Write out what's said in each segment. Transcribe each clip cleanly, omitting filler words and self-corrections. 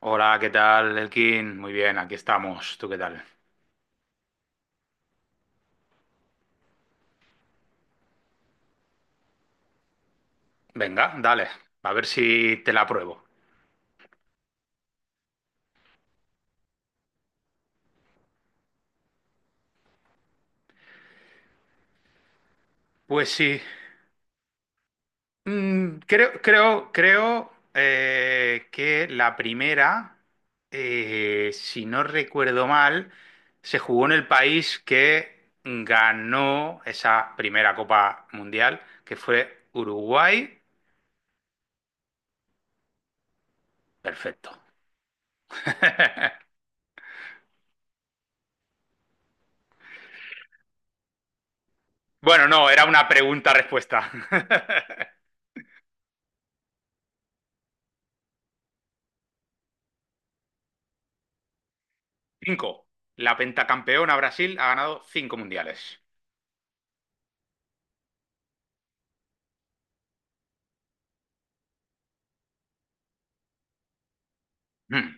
Hola, ¿qué tal, Elkin? Muy bien, aquí estamos. ¿Tú qué tal? Venga, dale, a ver si te la pruebo. Pues sí. Creo que la primera, si no recuerdo mal, se jugó en el país que ganó esa primera Copa Mundial, que fue Uruguay. Perfecto. Bueno, no, era una pregunta-respuesta. Cinco. La pentacampeona Brasil ha ganado cinco mundiales. Mm.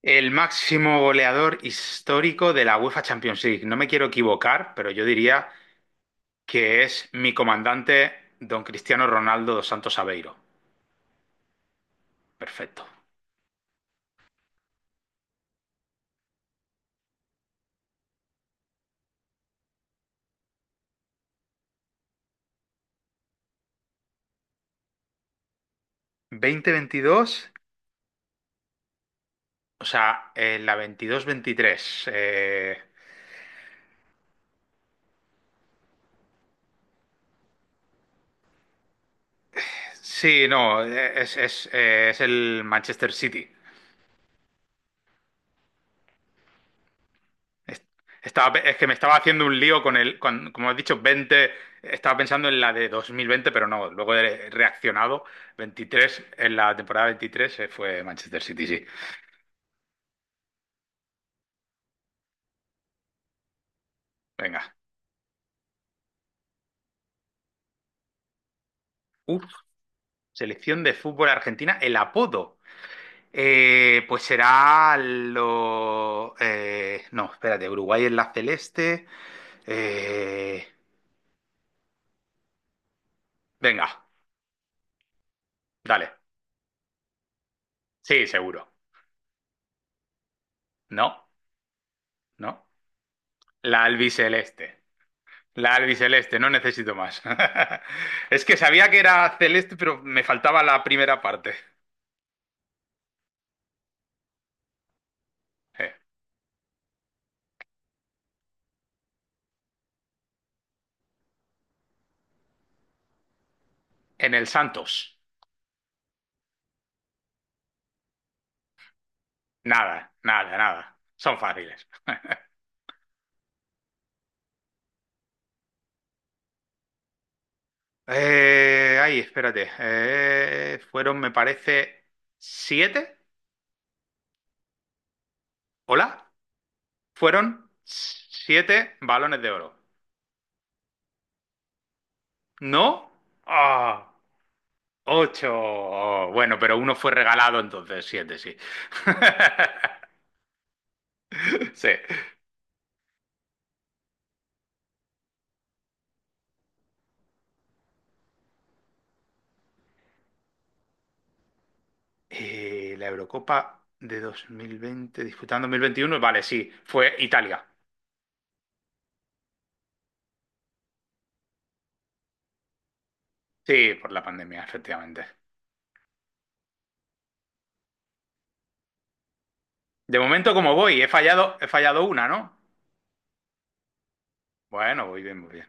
El máximo goleador histórico de la UEFA Champions League. No me quiero equivocar, pero yo diría que es mi comandante, don Cristiano Ronaldo dos Santos Aveiro. Perfecto. Veinte veintidós, o sea, en la veintidós veintitrés. Sí, no, es el Manchester City. Es- Estaba, es que me estaba haciendo un lío con como has dicho, veinte, estaba pensando en la de 2020, pero no, luego he reaccionado. Veintitrés, en la temporada veintitrés se fue Manchester City, sí. Venga. Uf, selección de fútbol argentina, el apodo. Pues será lo... no, espérate, Uruguay en la celeste. Eh, venga, dale. Sí, seguro. No, no. La albiceleste. La albiceleste, no necesito más. Es que sabía que era celeste, pero me faltaba la primera parte. Eh, En el Santos. Nada, nada, nada. Son fáciles. Ay, espérate. Fueron, me parece, siete. ¿Hola? Fueron siete balones de oro. ¿No? Ah, ocho. Oh, bueno, pero uno fue regalado, entonces siete, sí. Sí. La Eurocopa de 2020, disputando 2021, vale, sí, fue Italia. Sí, por la pandemia, efectivamente. ¿De momento, como voy? He fallado una, ¿no? Bueno, voy bien, muy bien.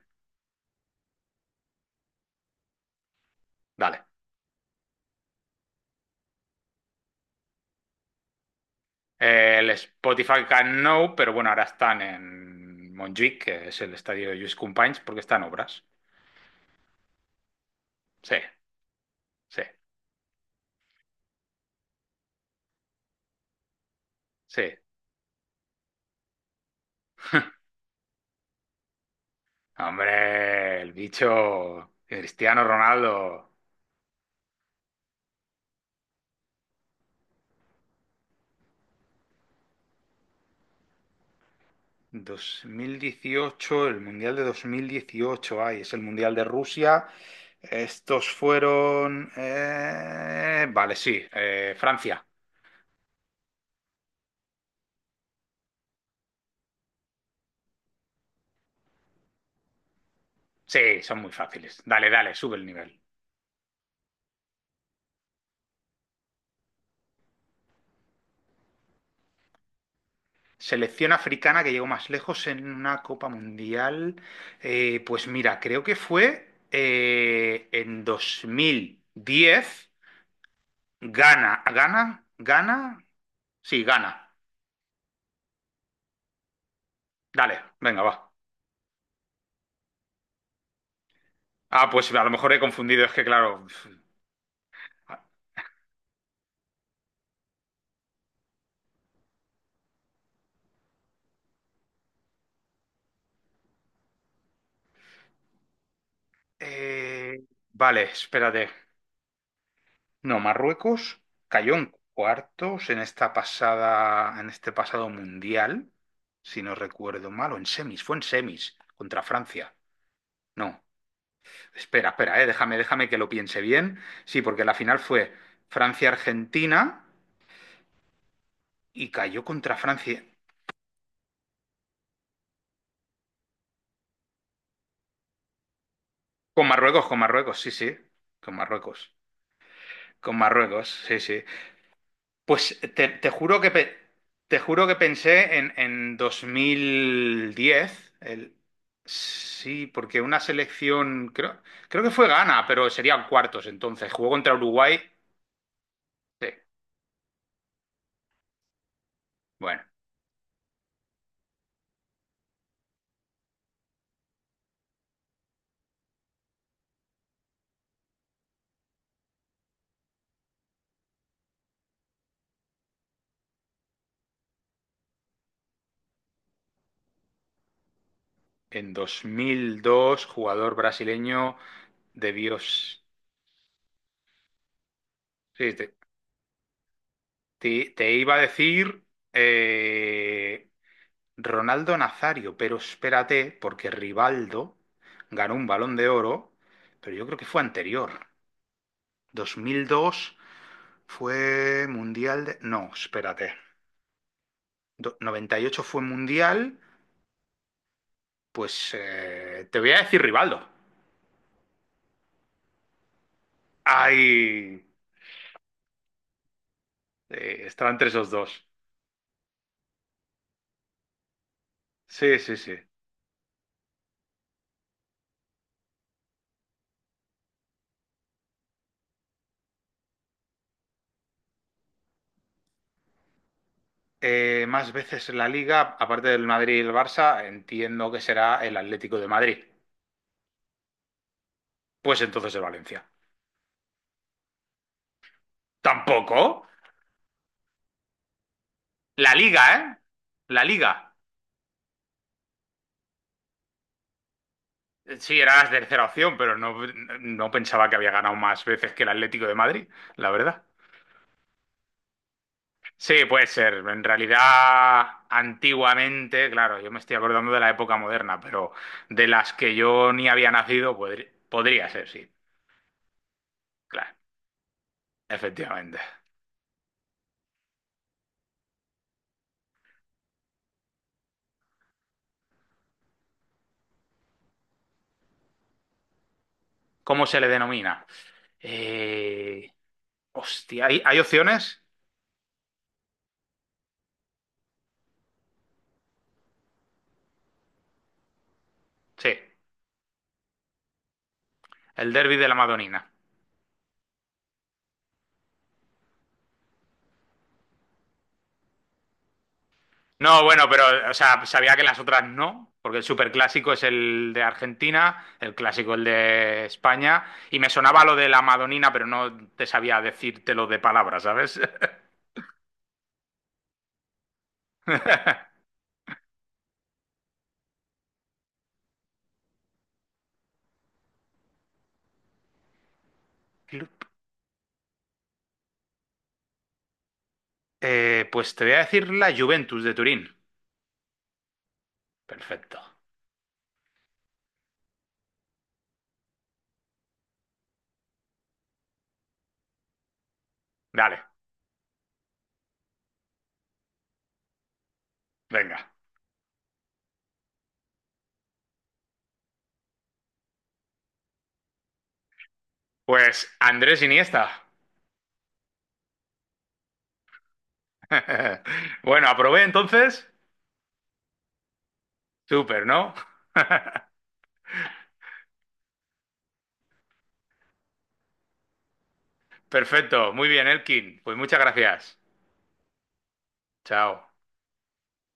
Dale. El Spotify Can No, pero bueno, ahora están en Montjuic, que es el estadio de Lluís Companys, porque están obras. Sí, sí, sí. Hombre, el bicho Cristiano Ronaldo. 2018, el Mundial de 2018, ay, es el Mundial de Rusia. Vale, sí, Francia. Sí, son muy fáciles. Dale, dale, sube el nivel. Selección africana que llegó más lejos en una Copa Mundial. Pues mira, creo que fue en 2010. Gana, gana, gana. Sí, gana. Dale, venga, va. Ah, pues a lo mejor he confundido, es que claro... Eh, vale, espérate. No, Marruecos cayó en cuartos en esta pasada, en este pasado mundial, si no recuerdo mal, o en semis, fue en semis contra Francia. No, espera, espera, déjame que lo piense bien. Sí, porque la final fue Francia-Argentina y cayó contra Francia. Con Marruecos, sí, sí, con Marruecos. Con Marruecos, sí, sí. Pues te, te juro que pe- te juro que pensé en dos mil diez sí, porque una selección, creo, creo que fue Ghana, pero serían cuartos entonces. Jugó contra Uruguay. Sí, bueno, en dos mil dos, jugador brasileño de Dios. Sí, te, te iba a decir eh, Ronaldo Nazario, pero espérate, porque Rivaldo ganó un Balón de Oro, pero yo creo que fue anterior. Dos mil dos fue mundial de... No, espérate. Noventa y ocho fue mundial, pues te voy a decir Rivaldo. Ay, estaba entre esos dos. Sí, sí, sí. Más veces en la liga, aparte del Madrid y el Barça, entiendo que será el Atlético de Madrid. Pues entonces el Valencia. Tampoco. La liga, ¿eh? La liga. Sí, era la tercera opción, pero no, no pensaba que había ganado más veces que el Atlético de Madrid, la verdad. Sí, puede ser. En realidad, antiguamente, claro, yo me estoy acordando de la época moderna, pero de las que yo ni había nacido, podría ser, sí. Claro, efectivamente. ¿Cómo se le denomina? Eh, Hostia, ¿hay, hay opciones? Sí, el derbi de la Madonina. No, bueno, pero, o sea, sabía que las otras no, porque el superclásico es el de Argentina, el clásico el de España, y me sonaba lo de la Madonina, pero no te sabía decírtelo de palabras, ¿sabes? Club. Pues te voy a decir la Juventus de Turín. Perfecto. Dale, venga. Pues Andrés Iniesta. Bueno, aprobé entonces. Súper, ¿no? Perfecto. Muy bien, Elkin. Pues muchas gracias. Chao.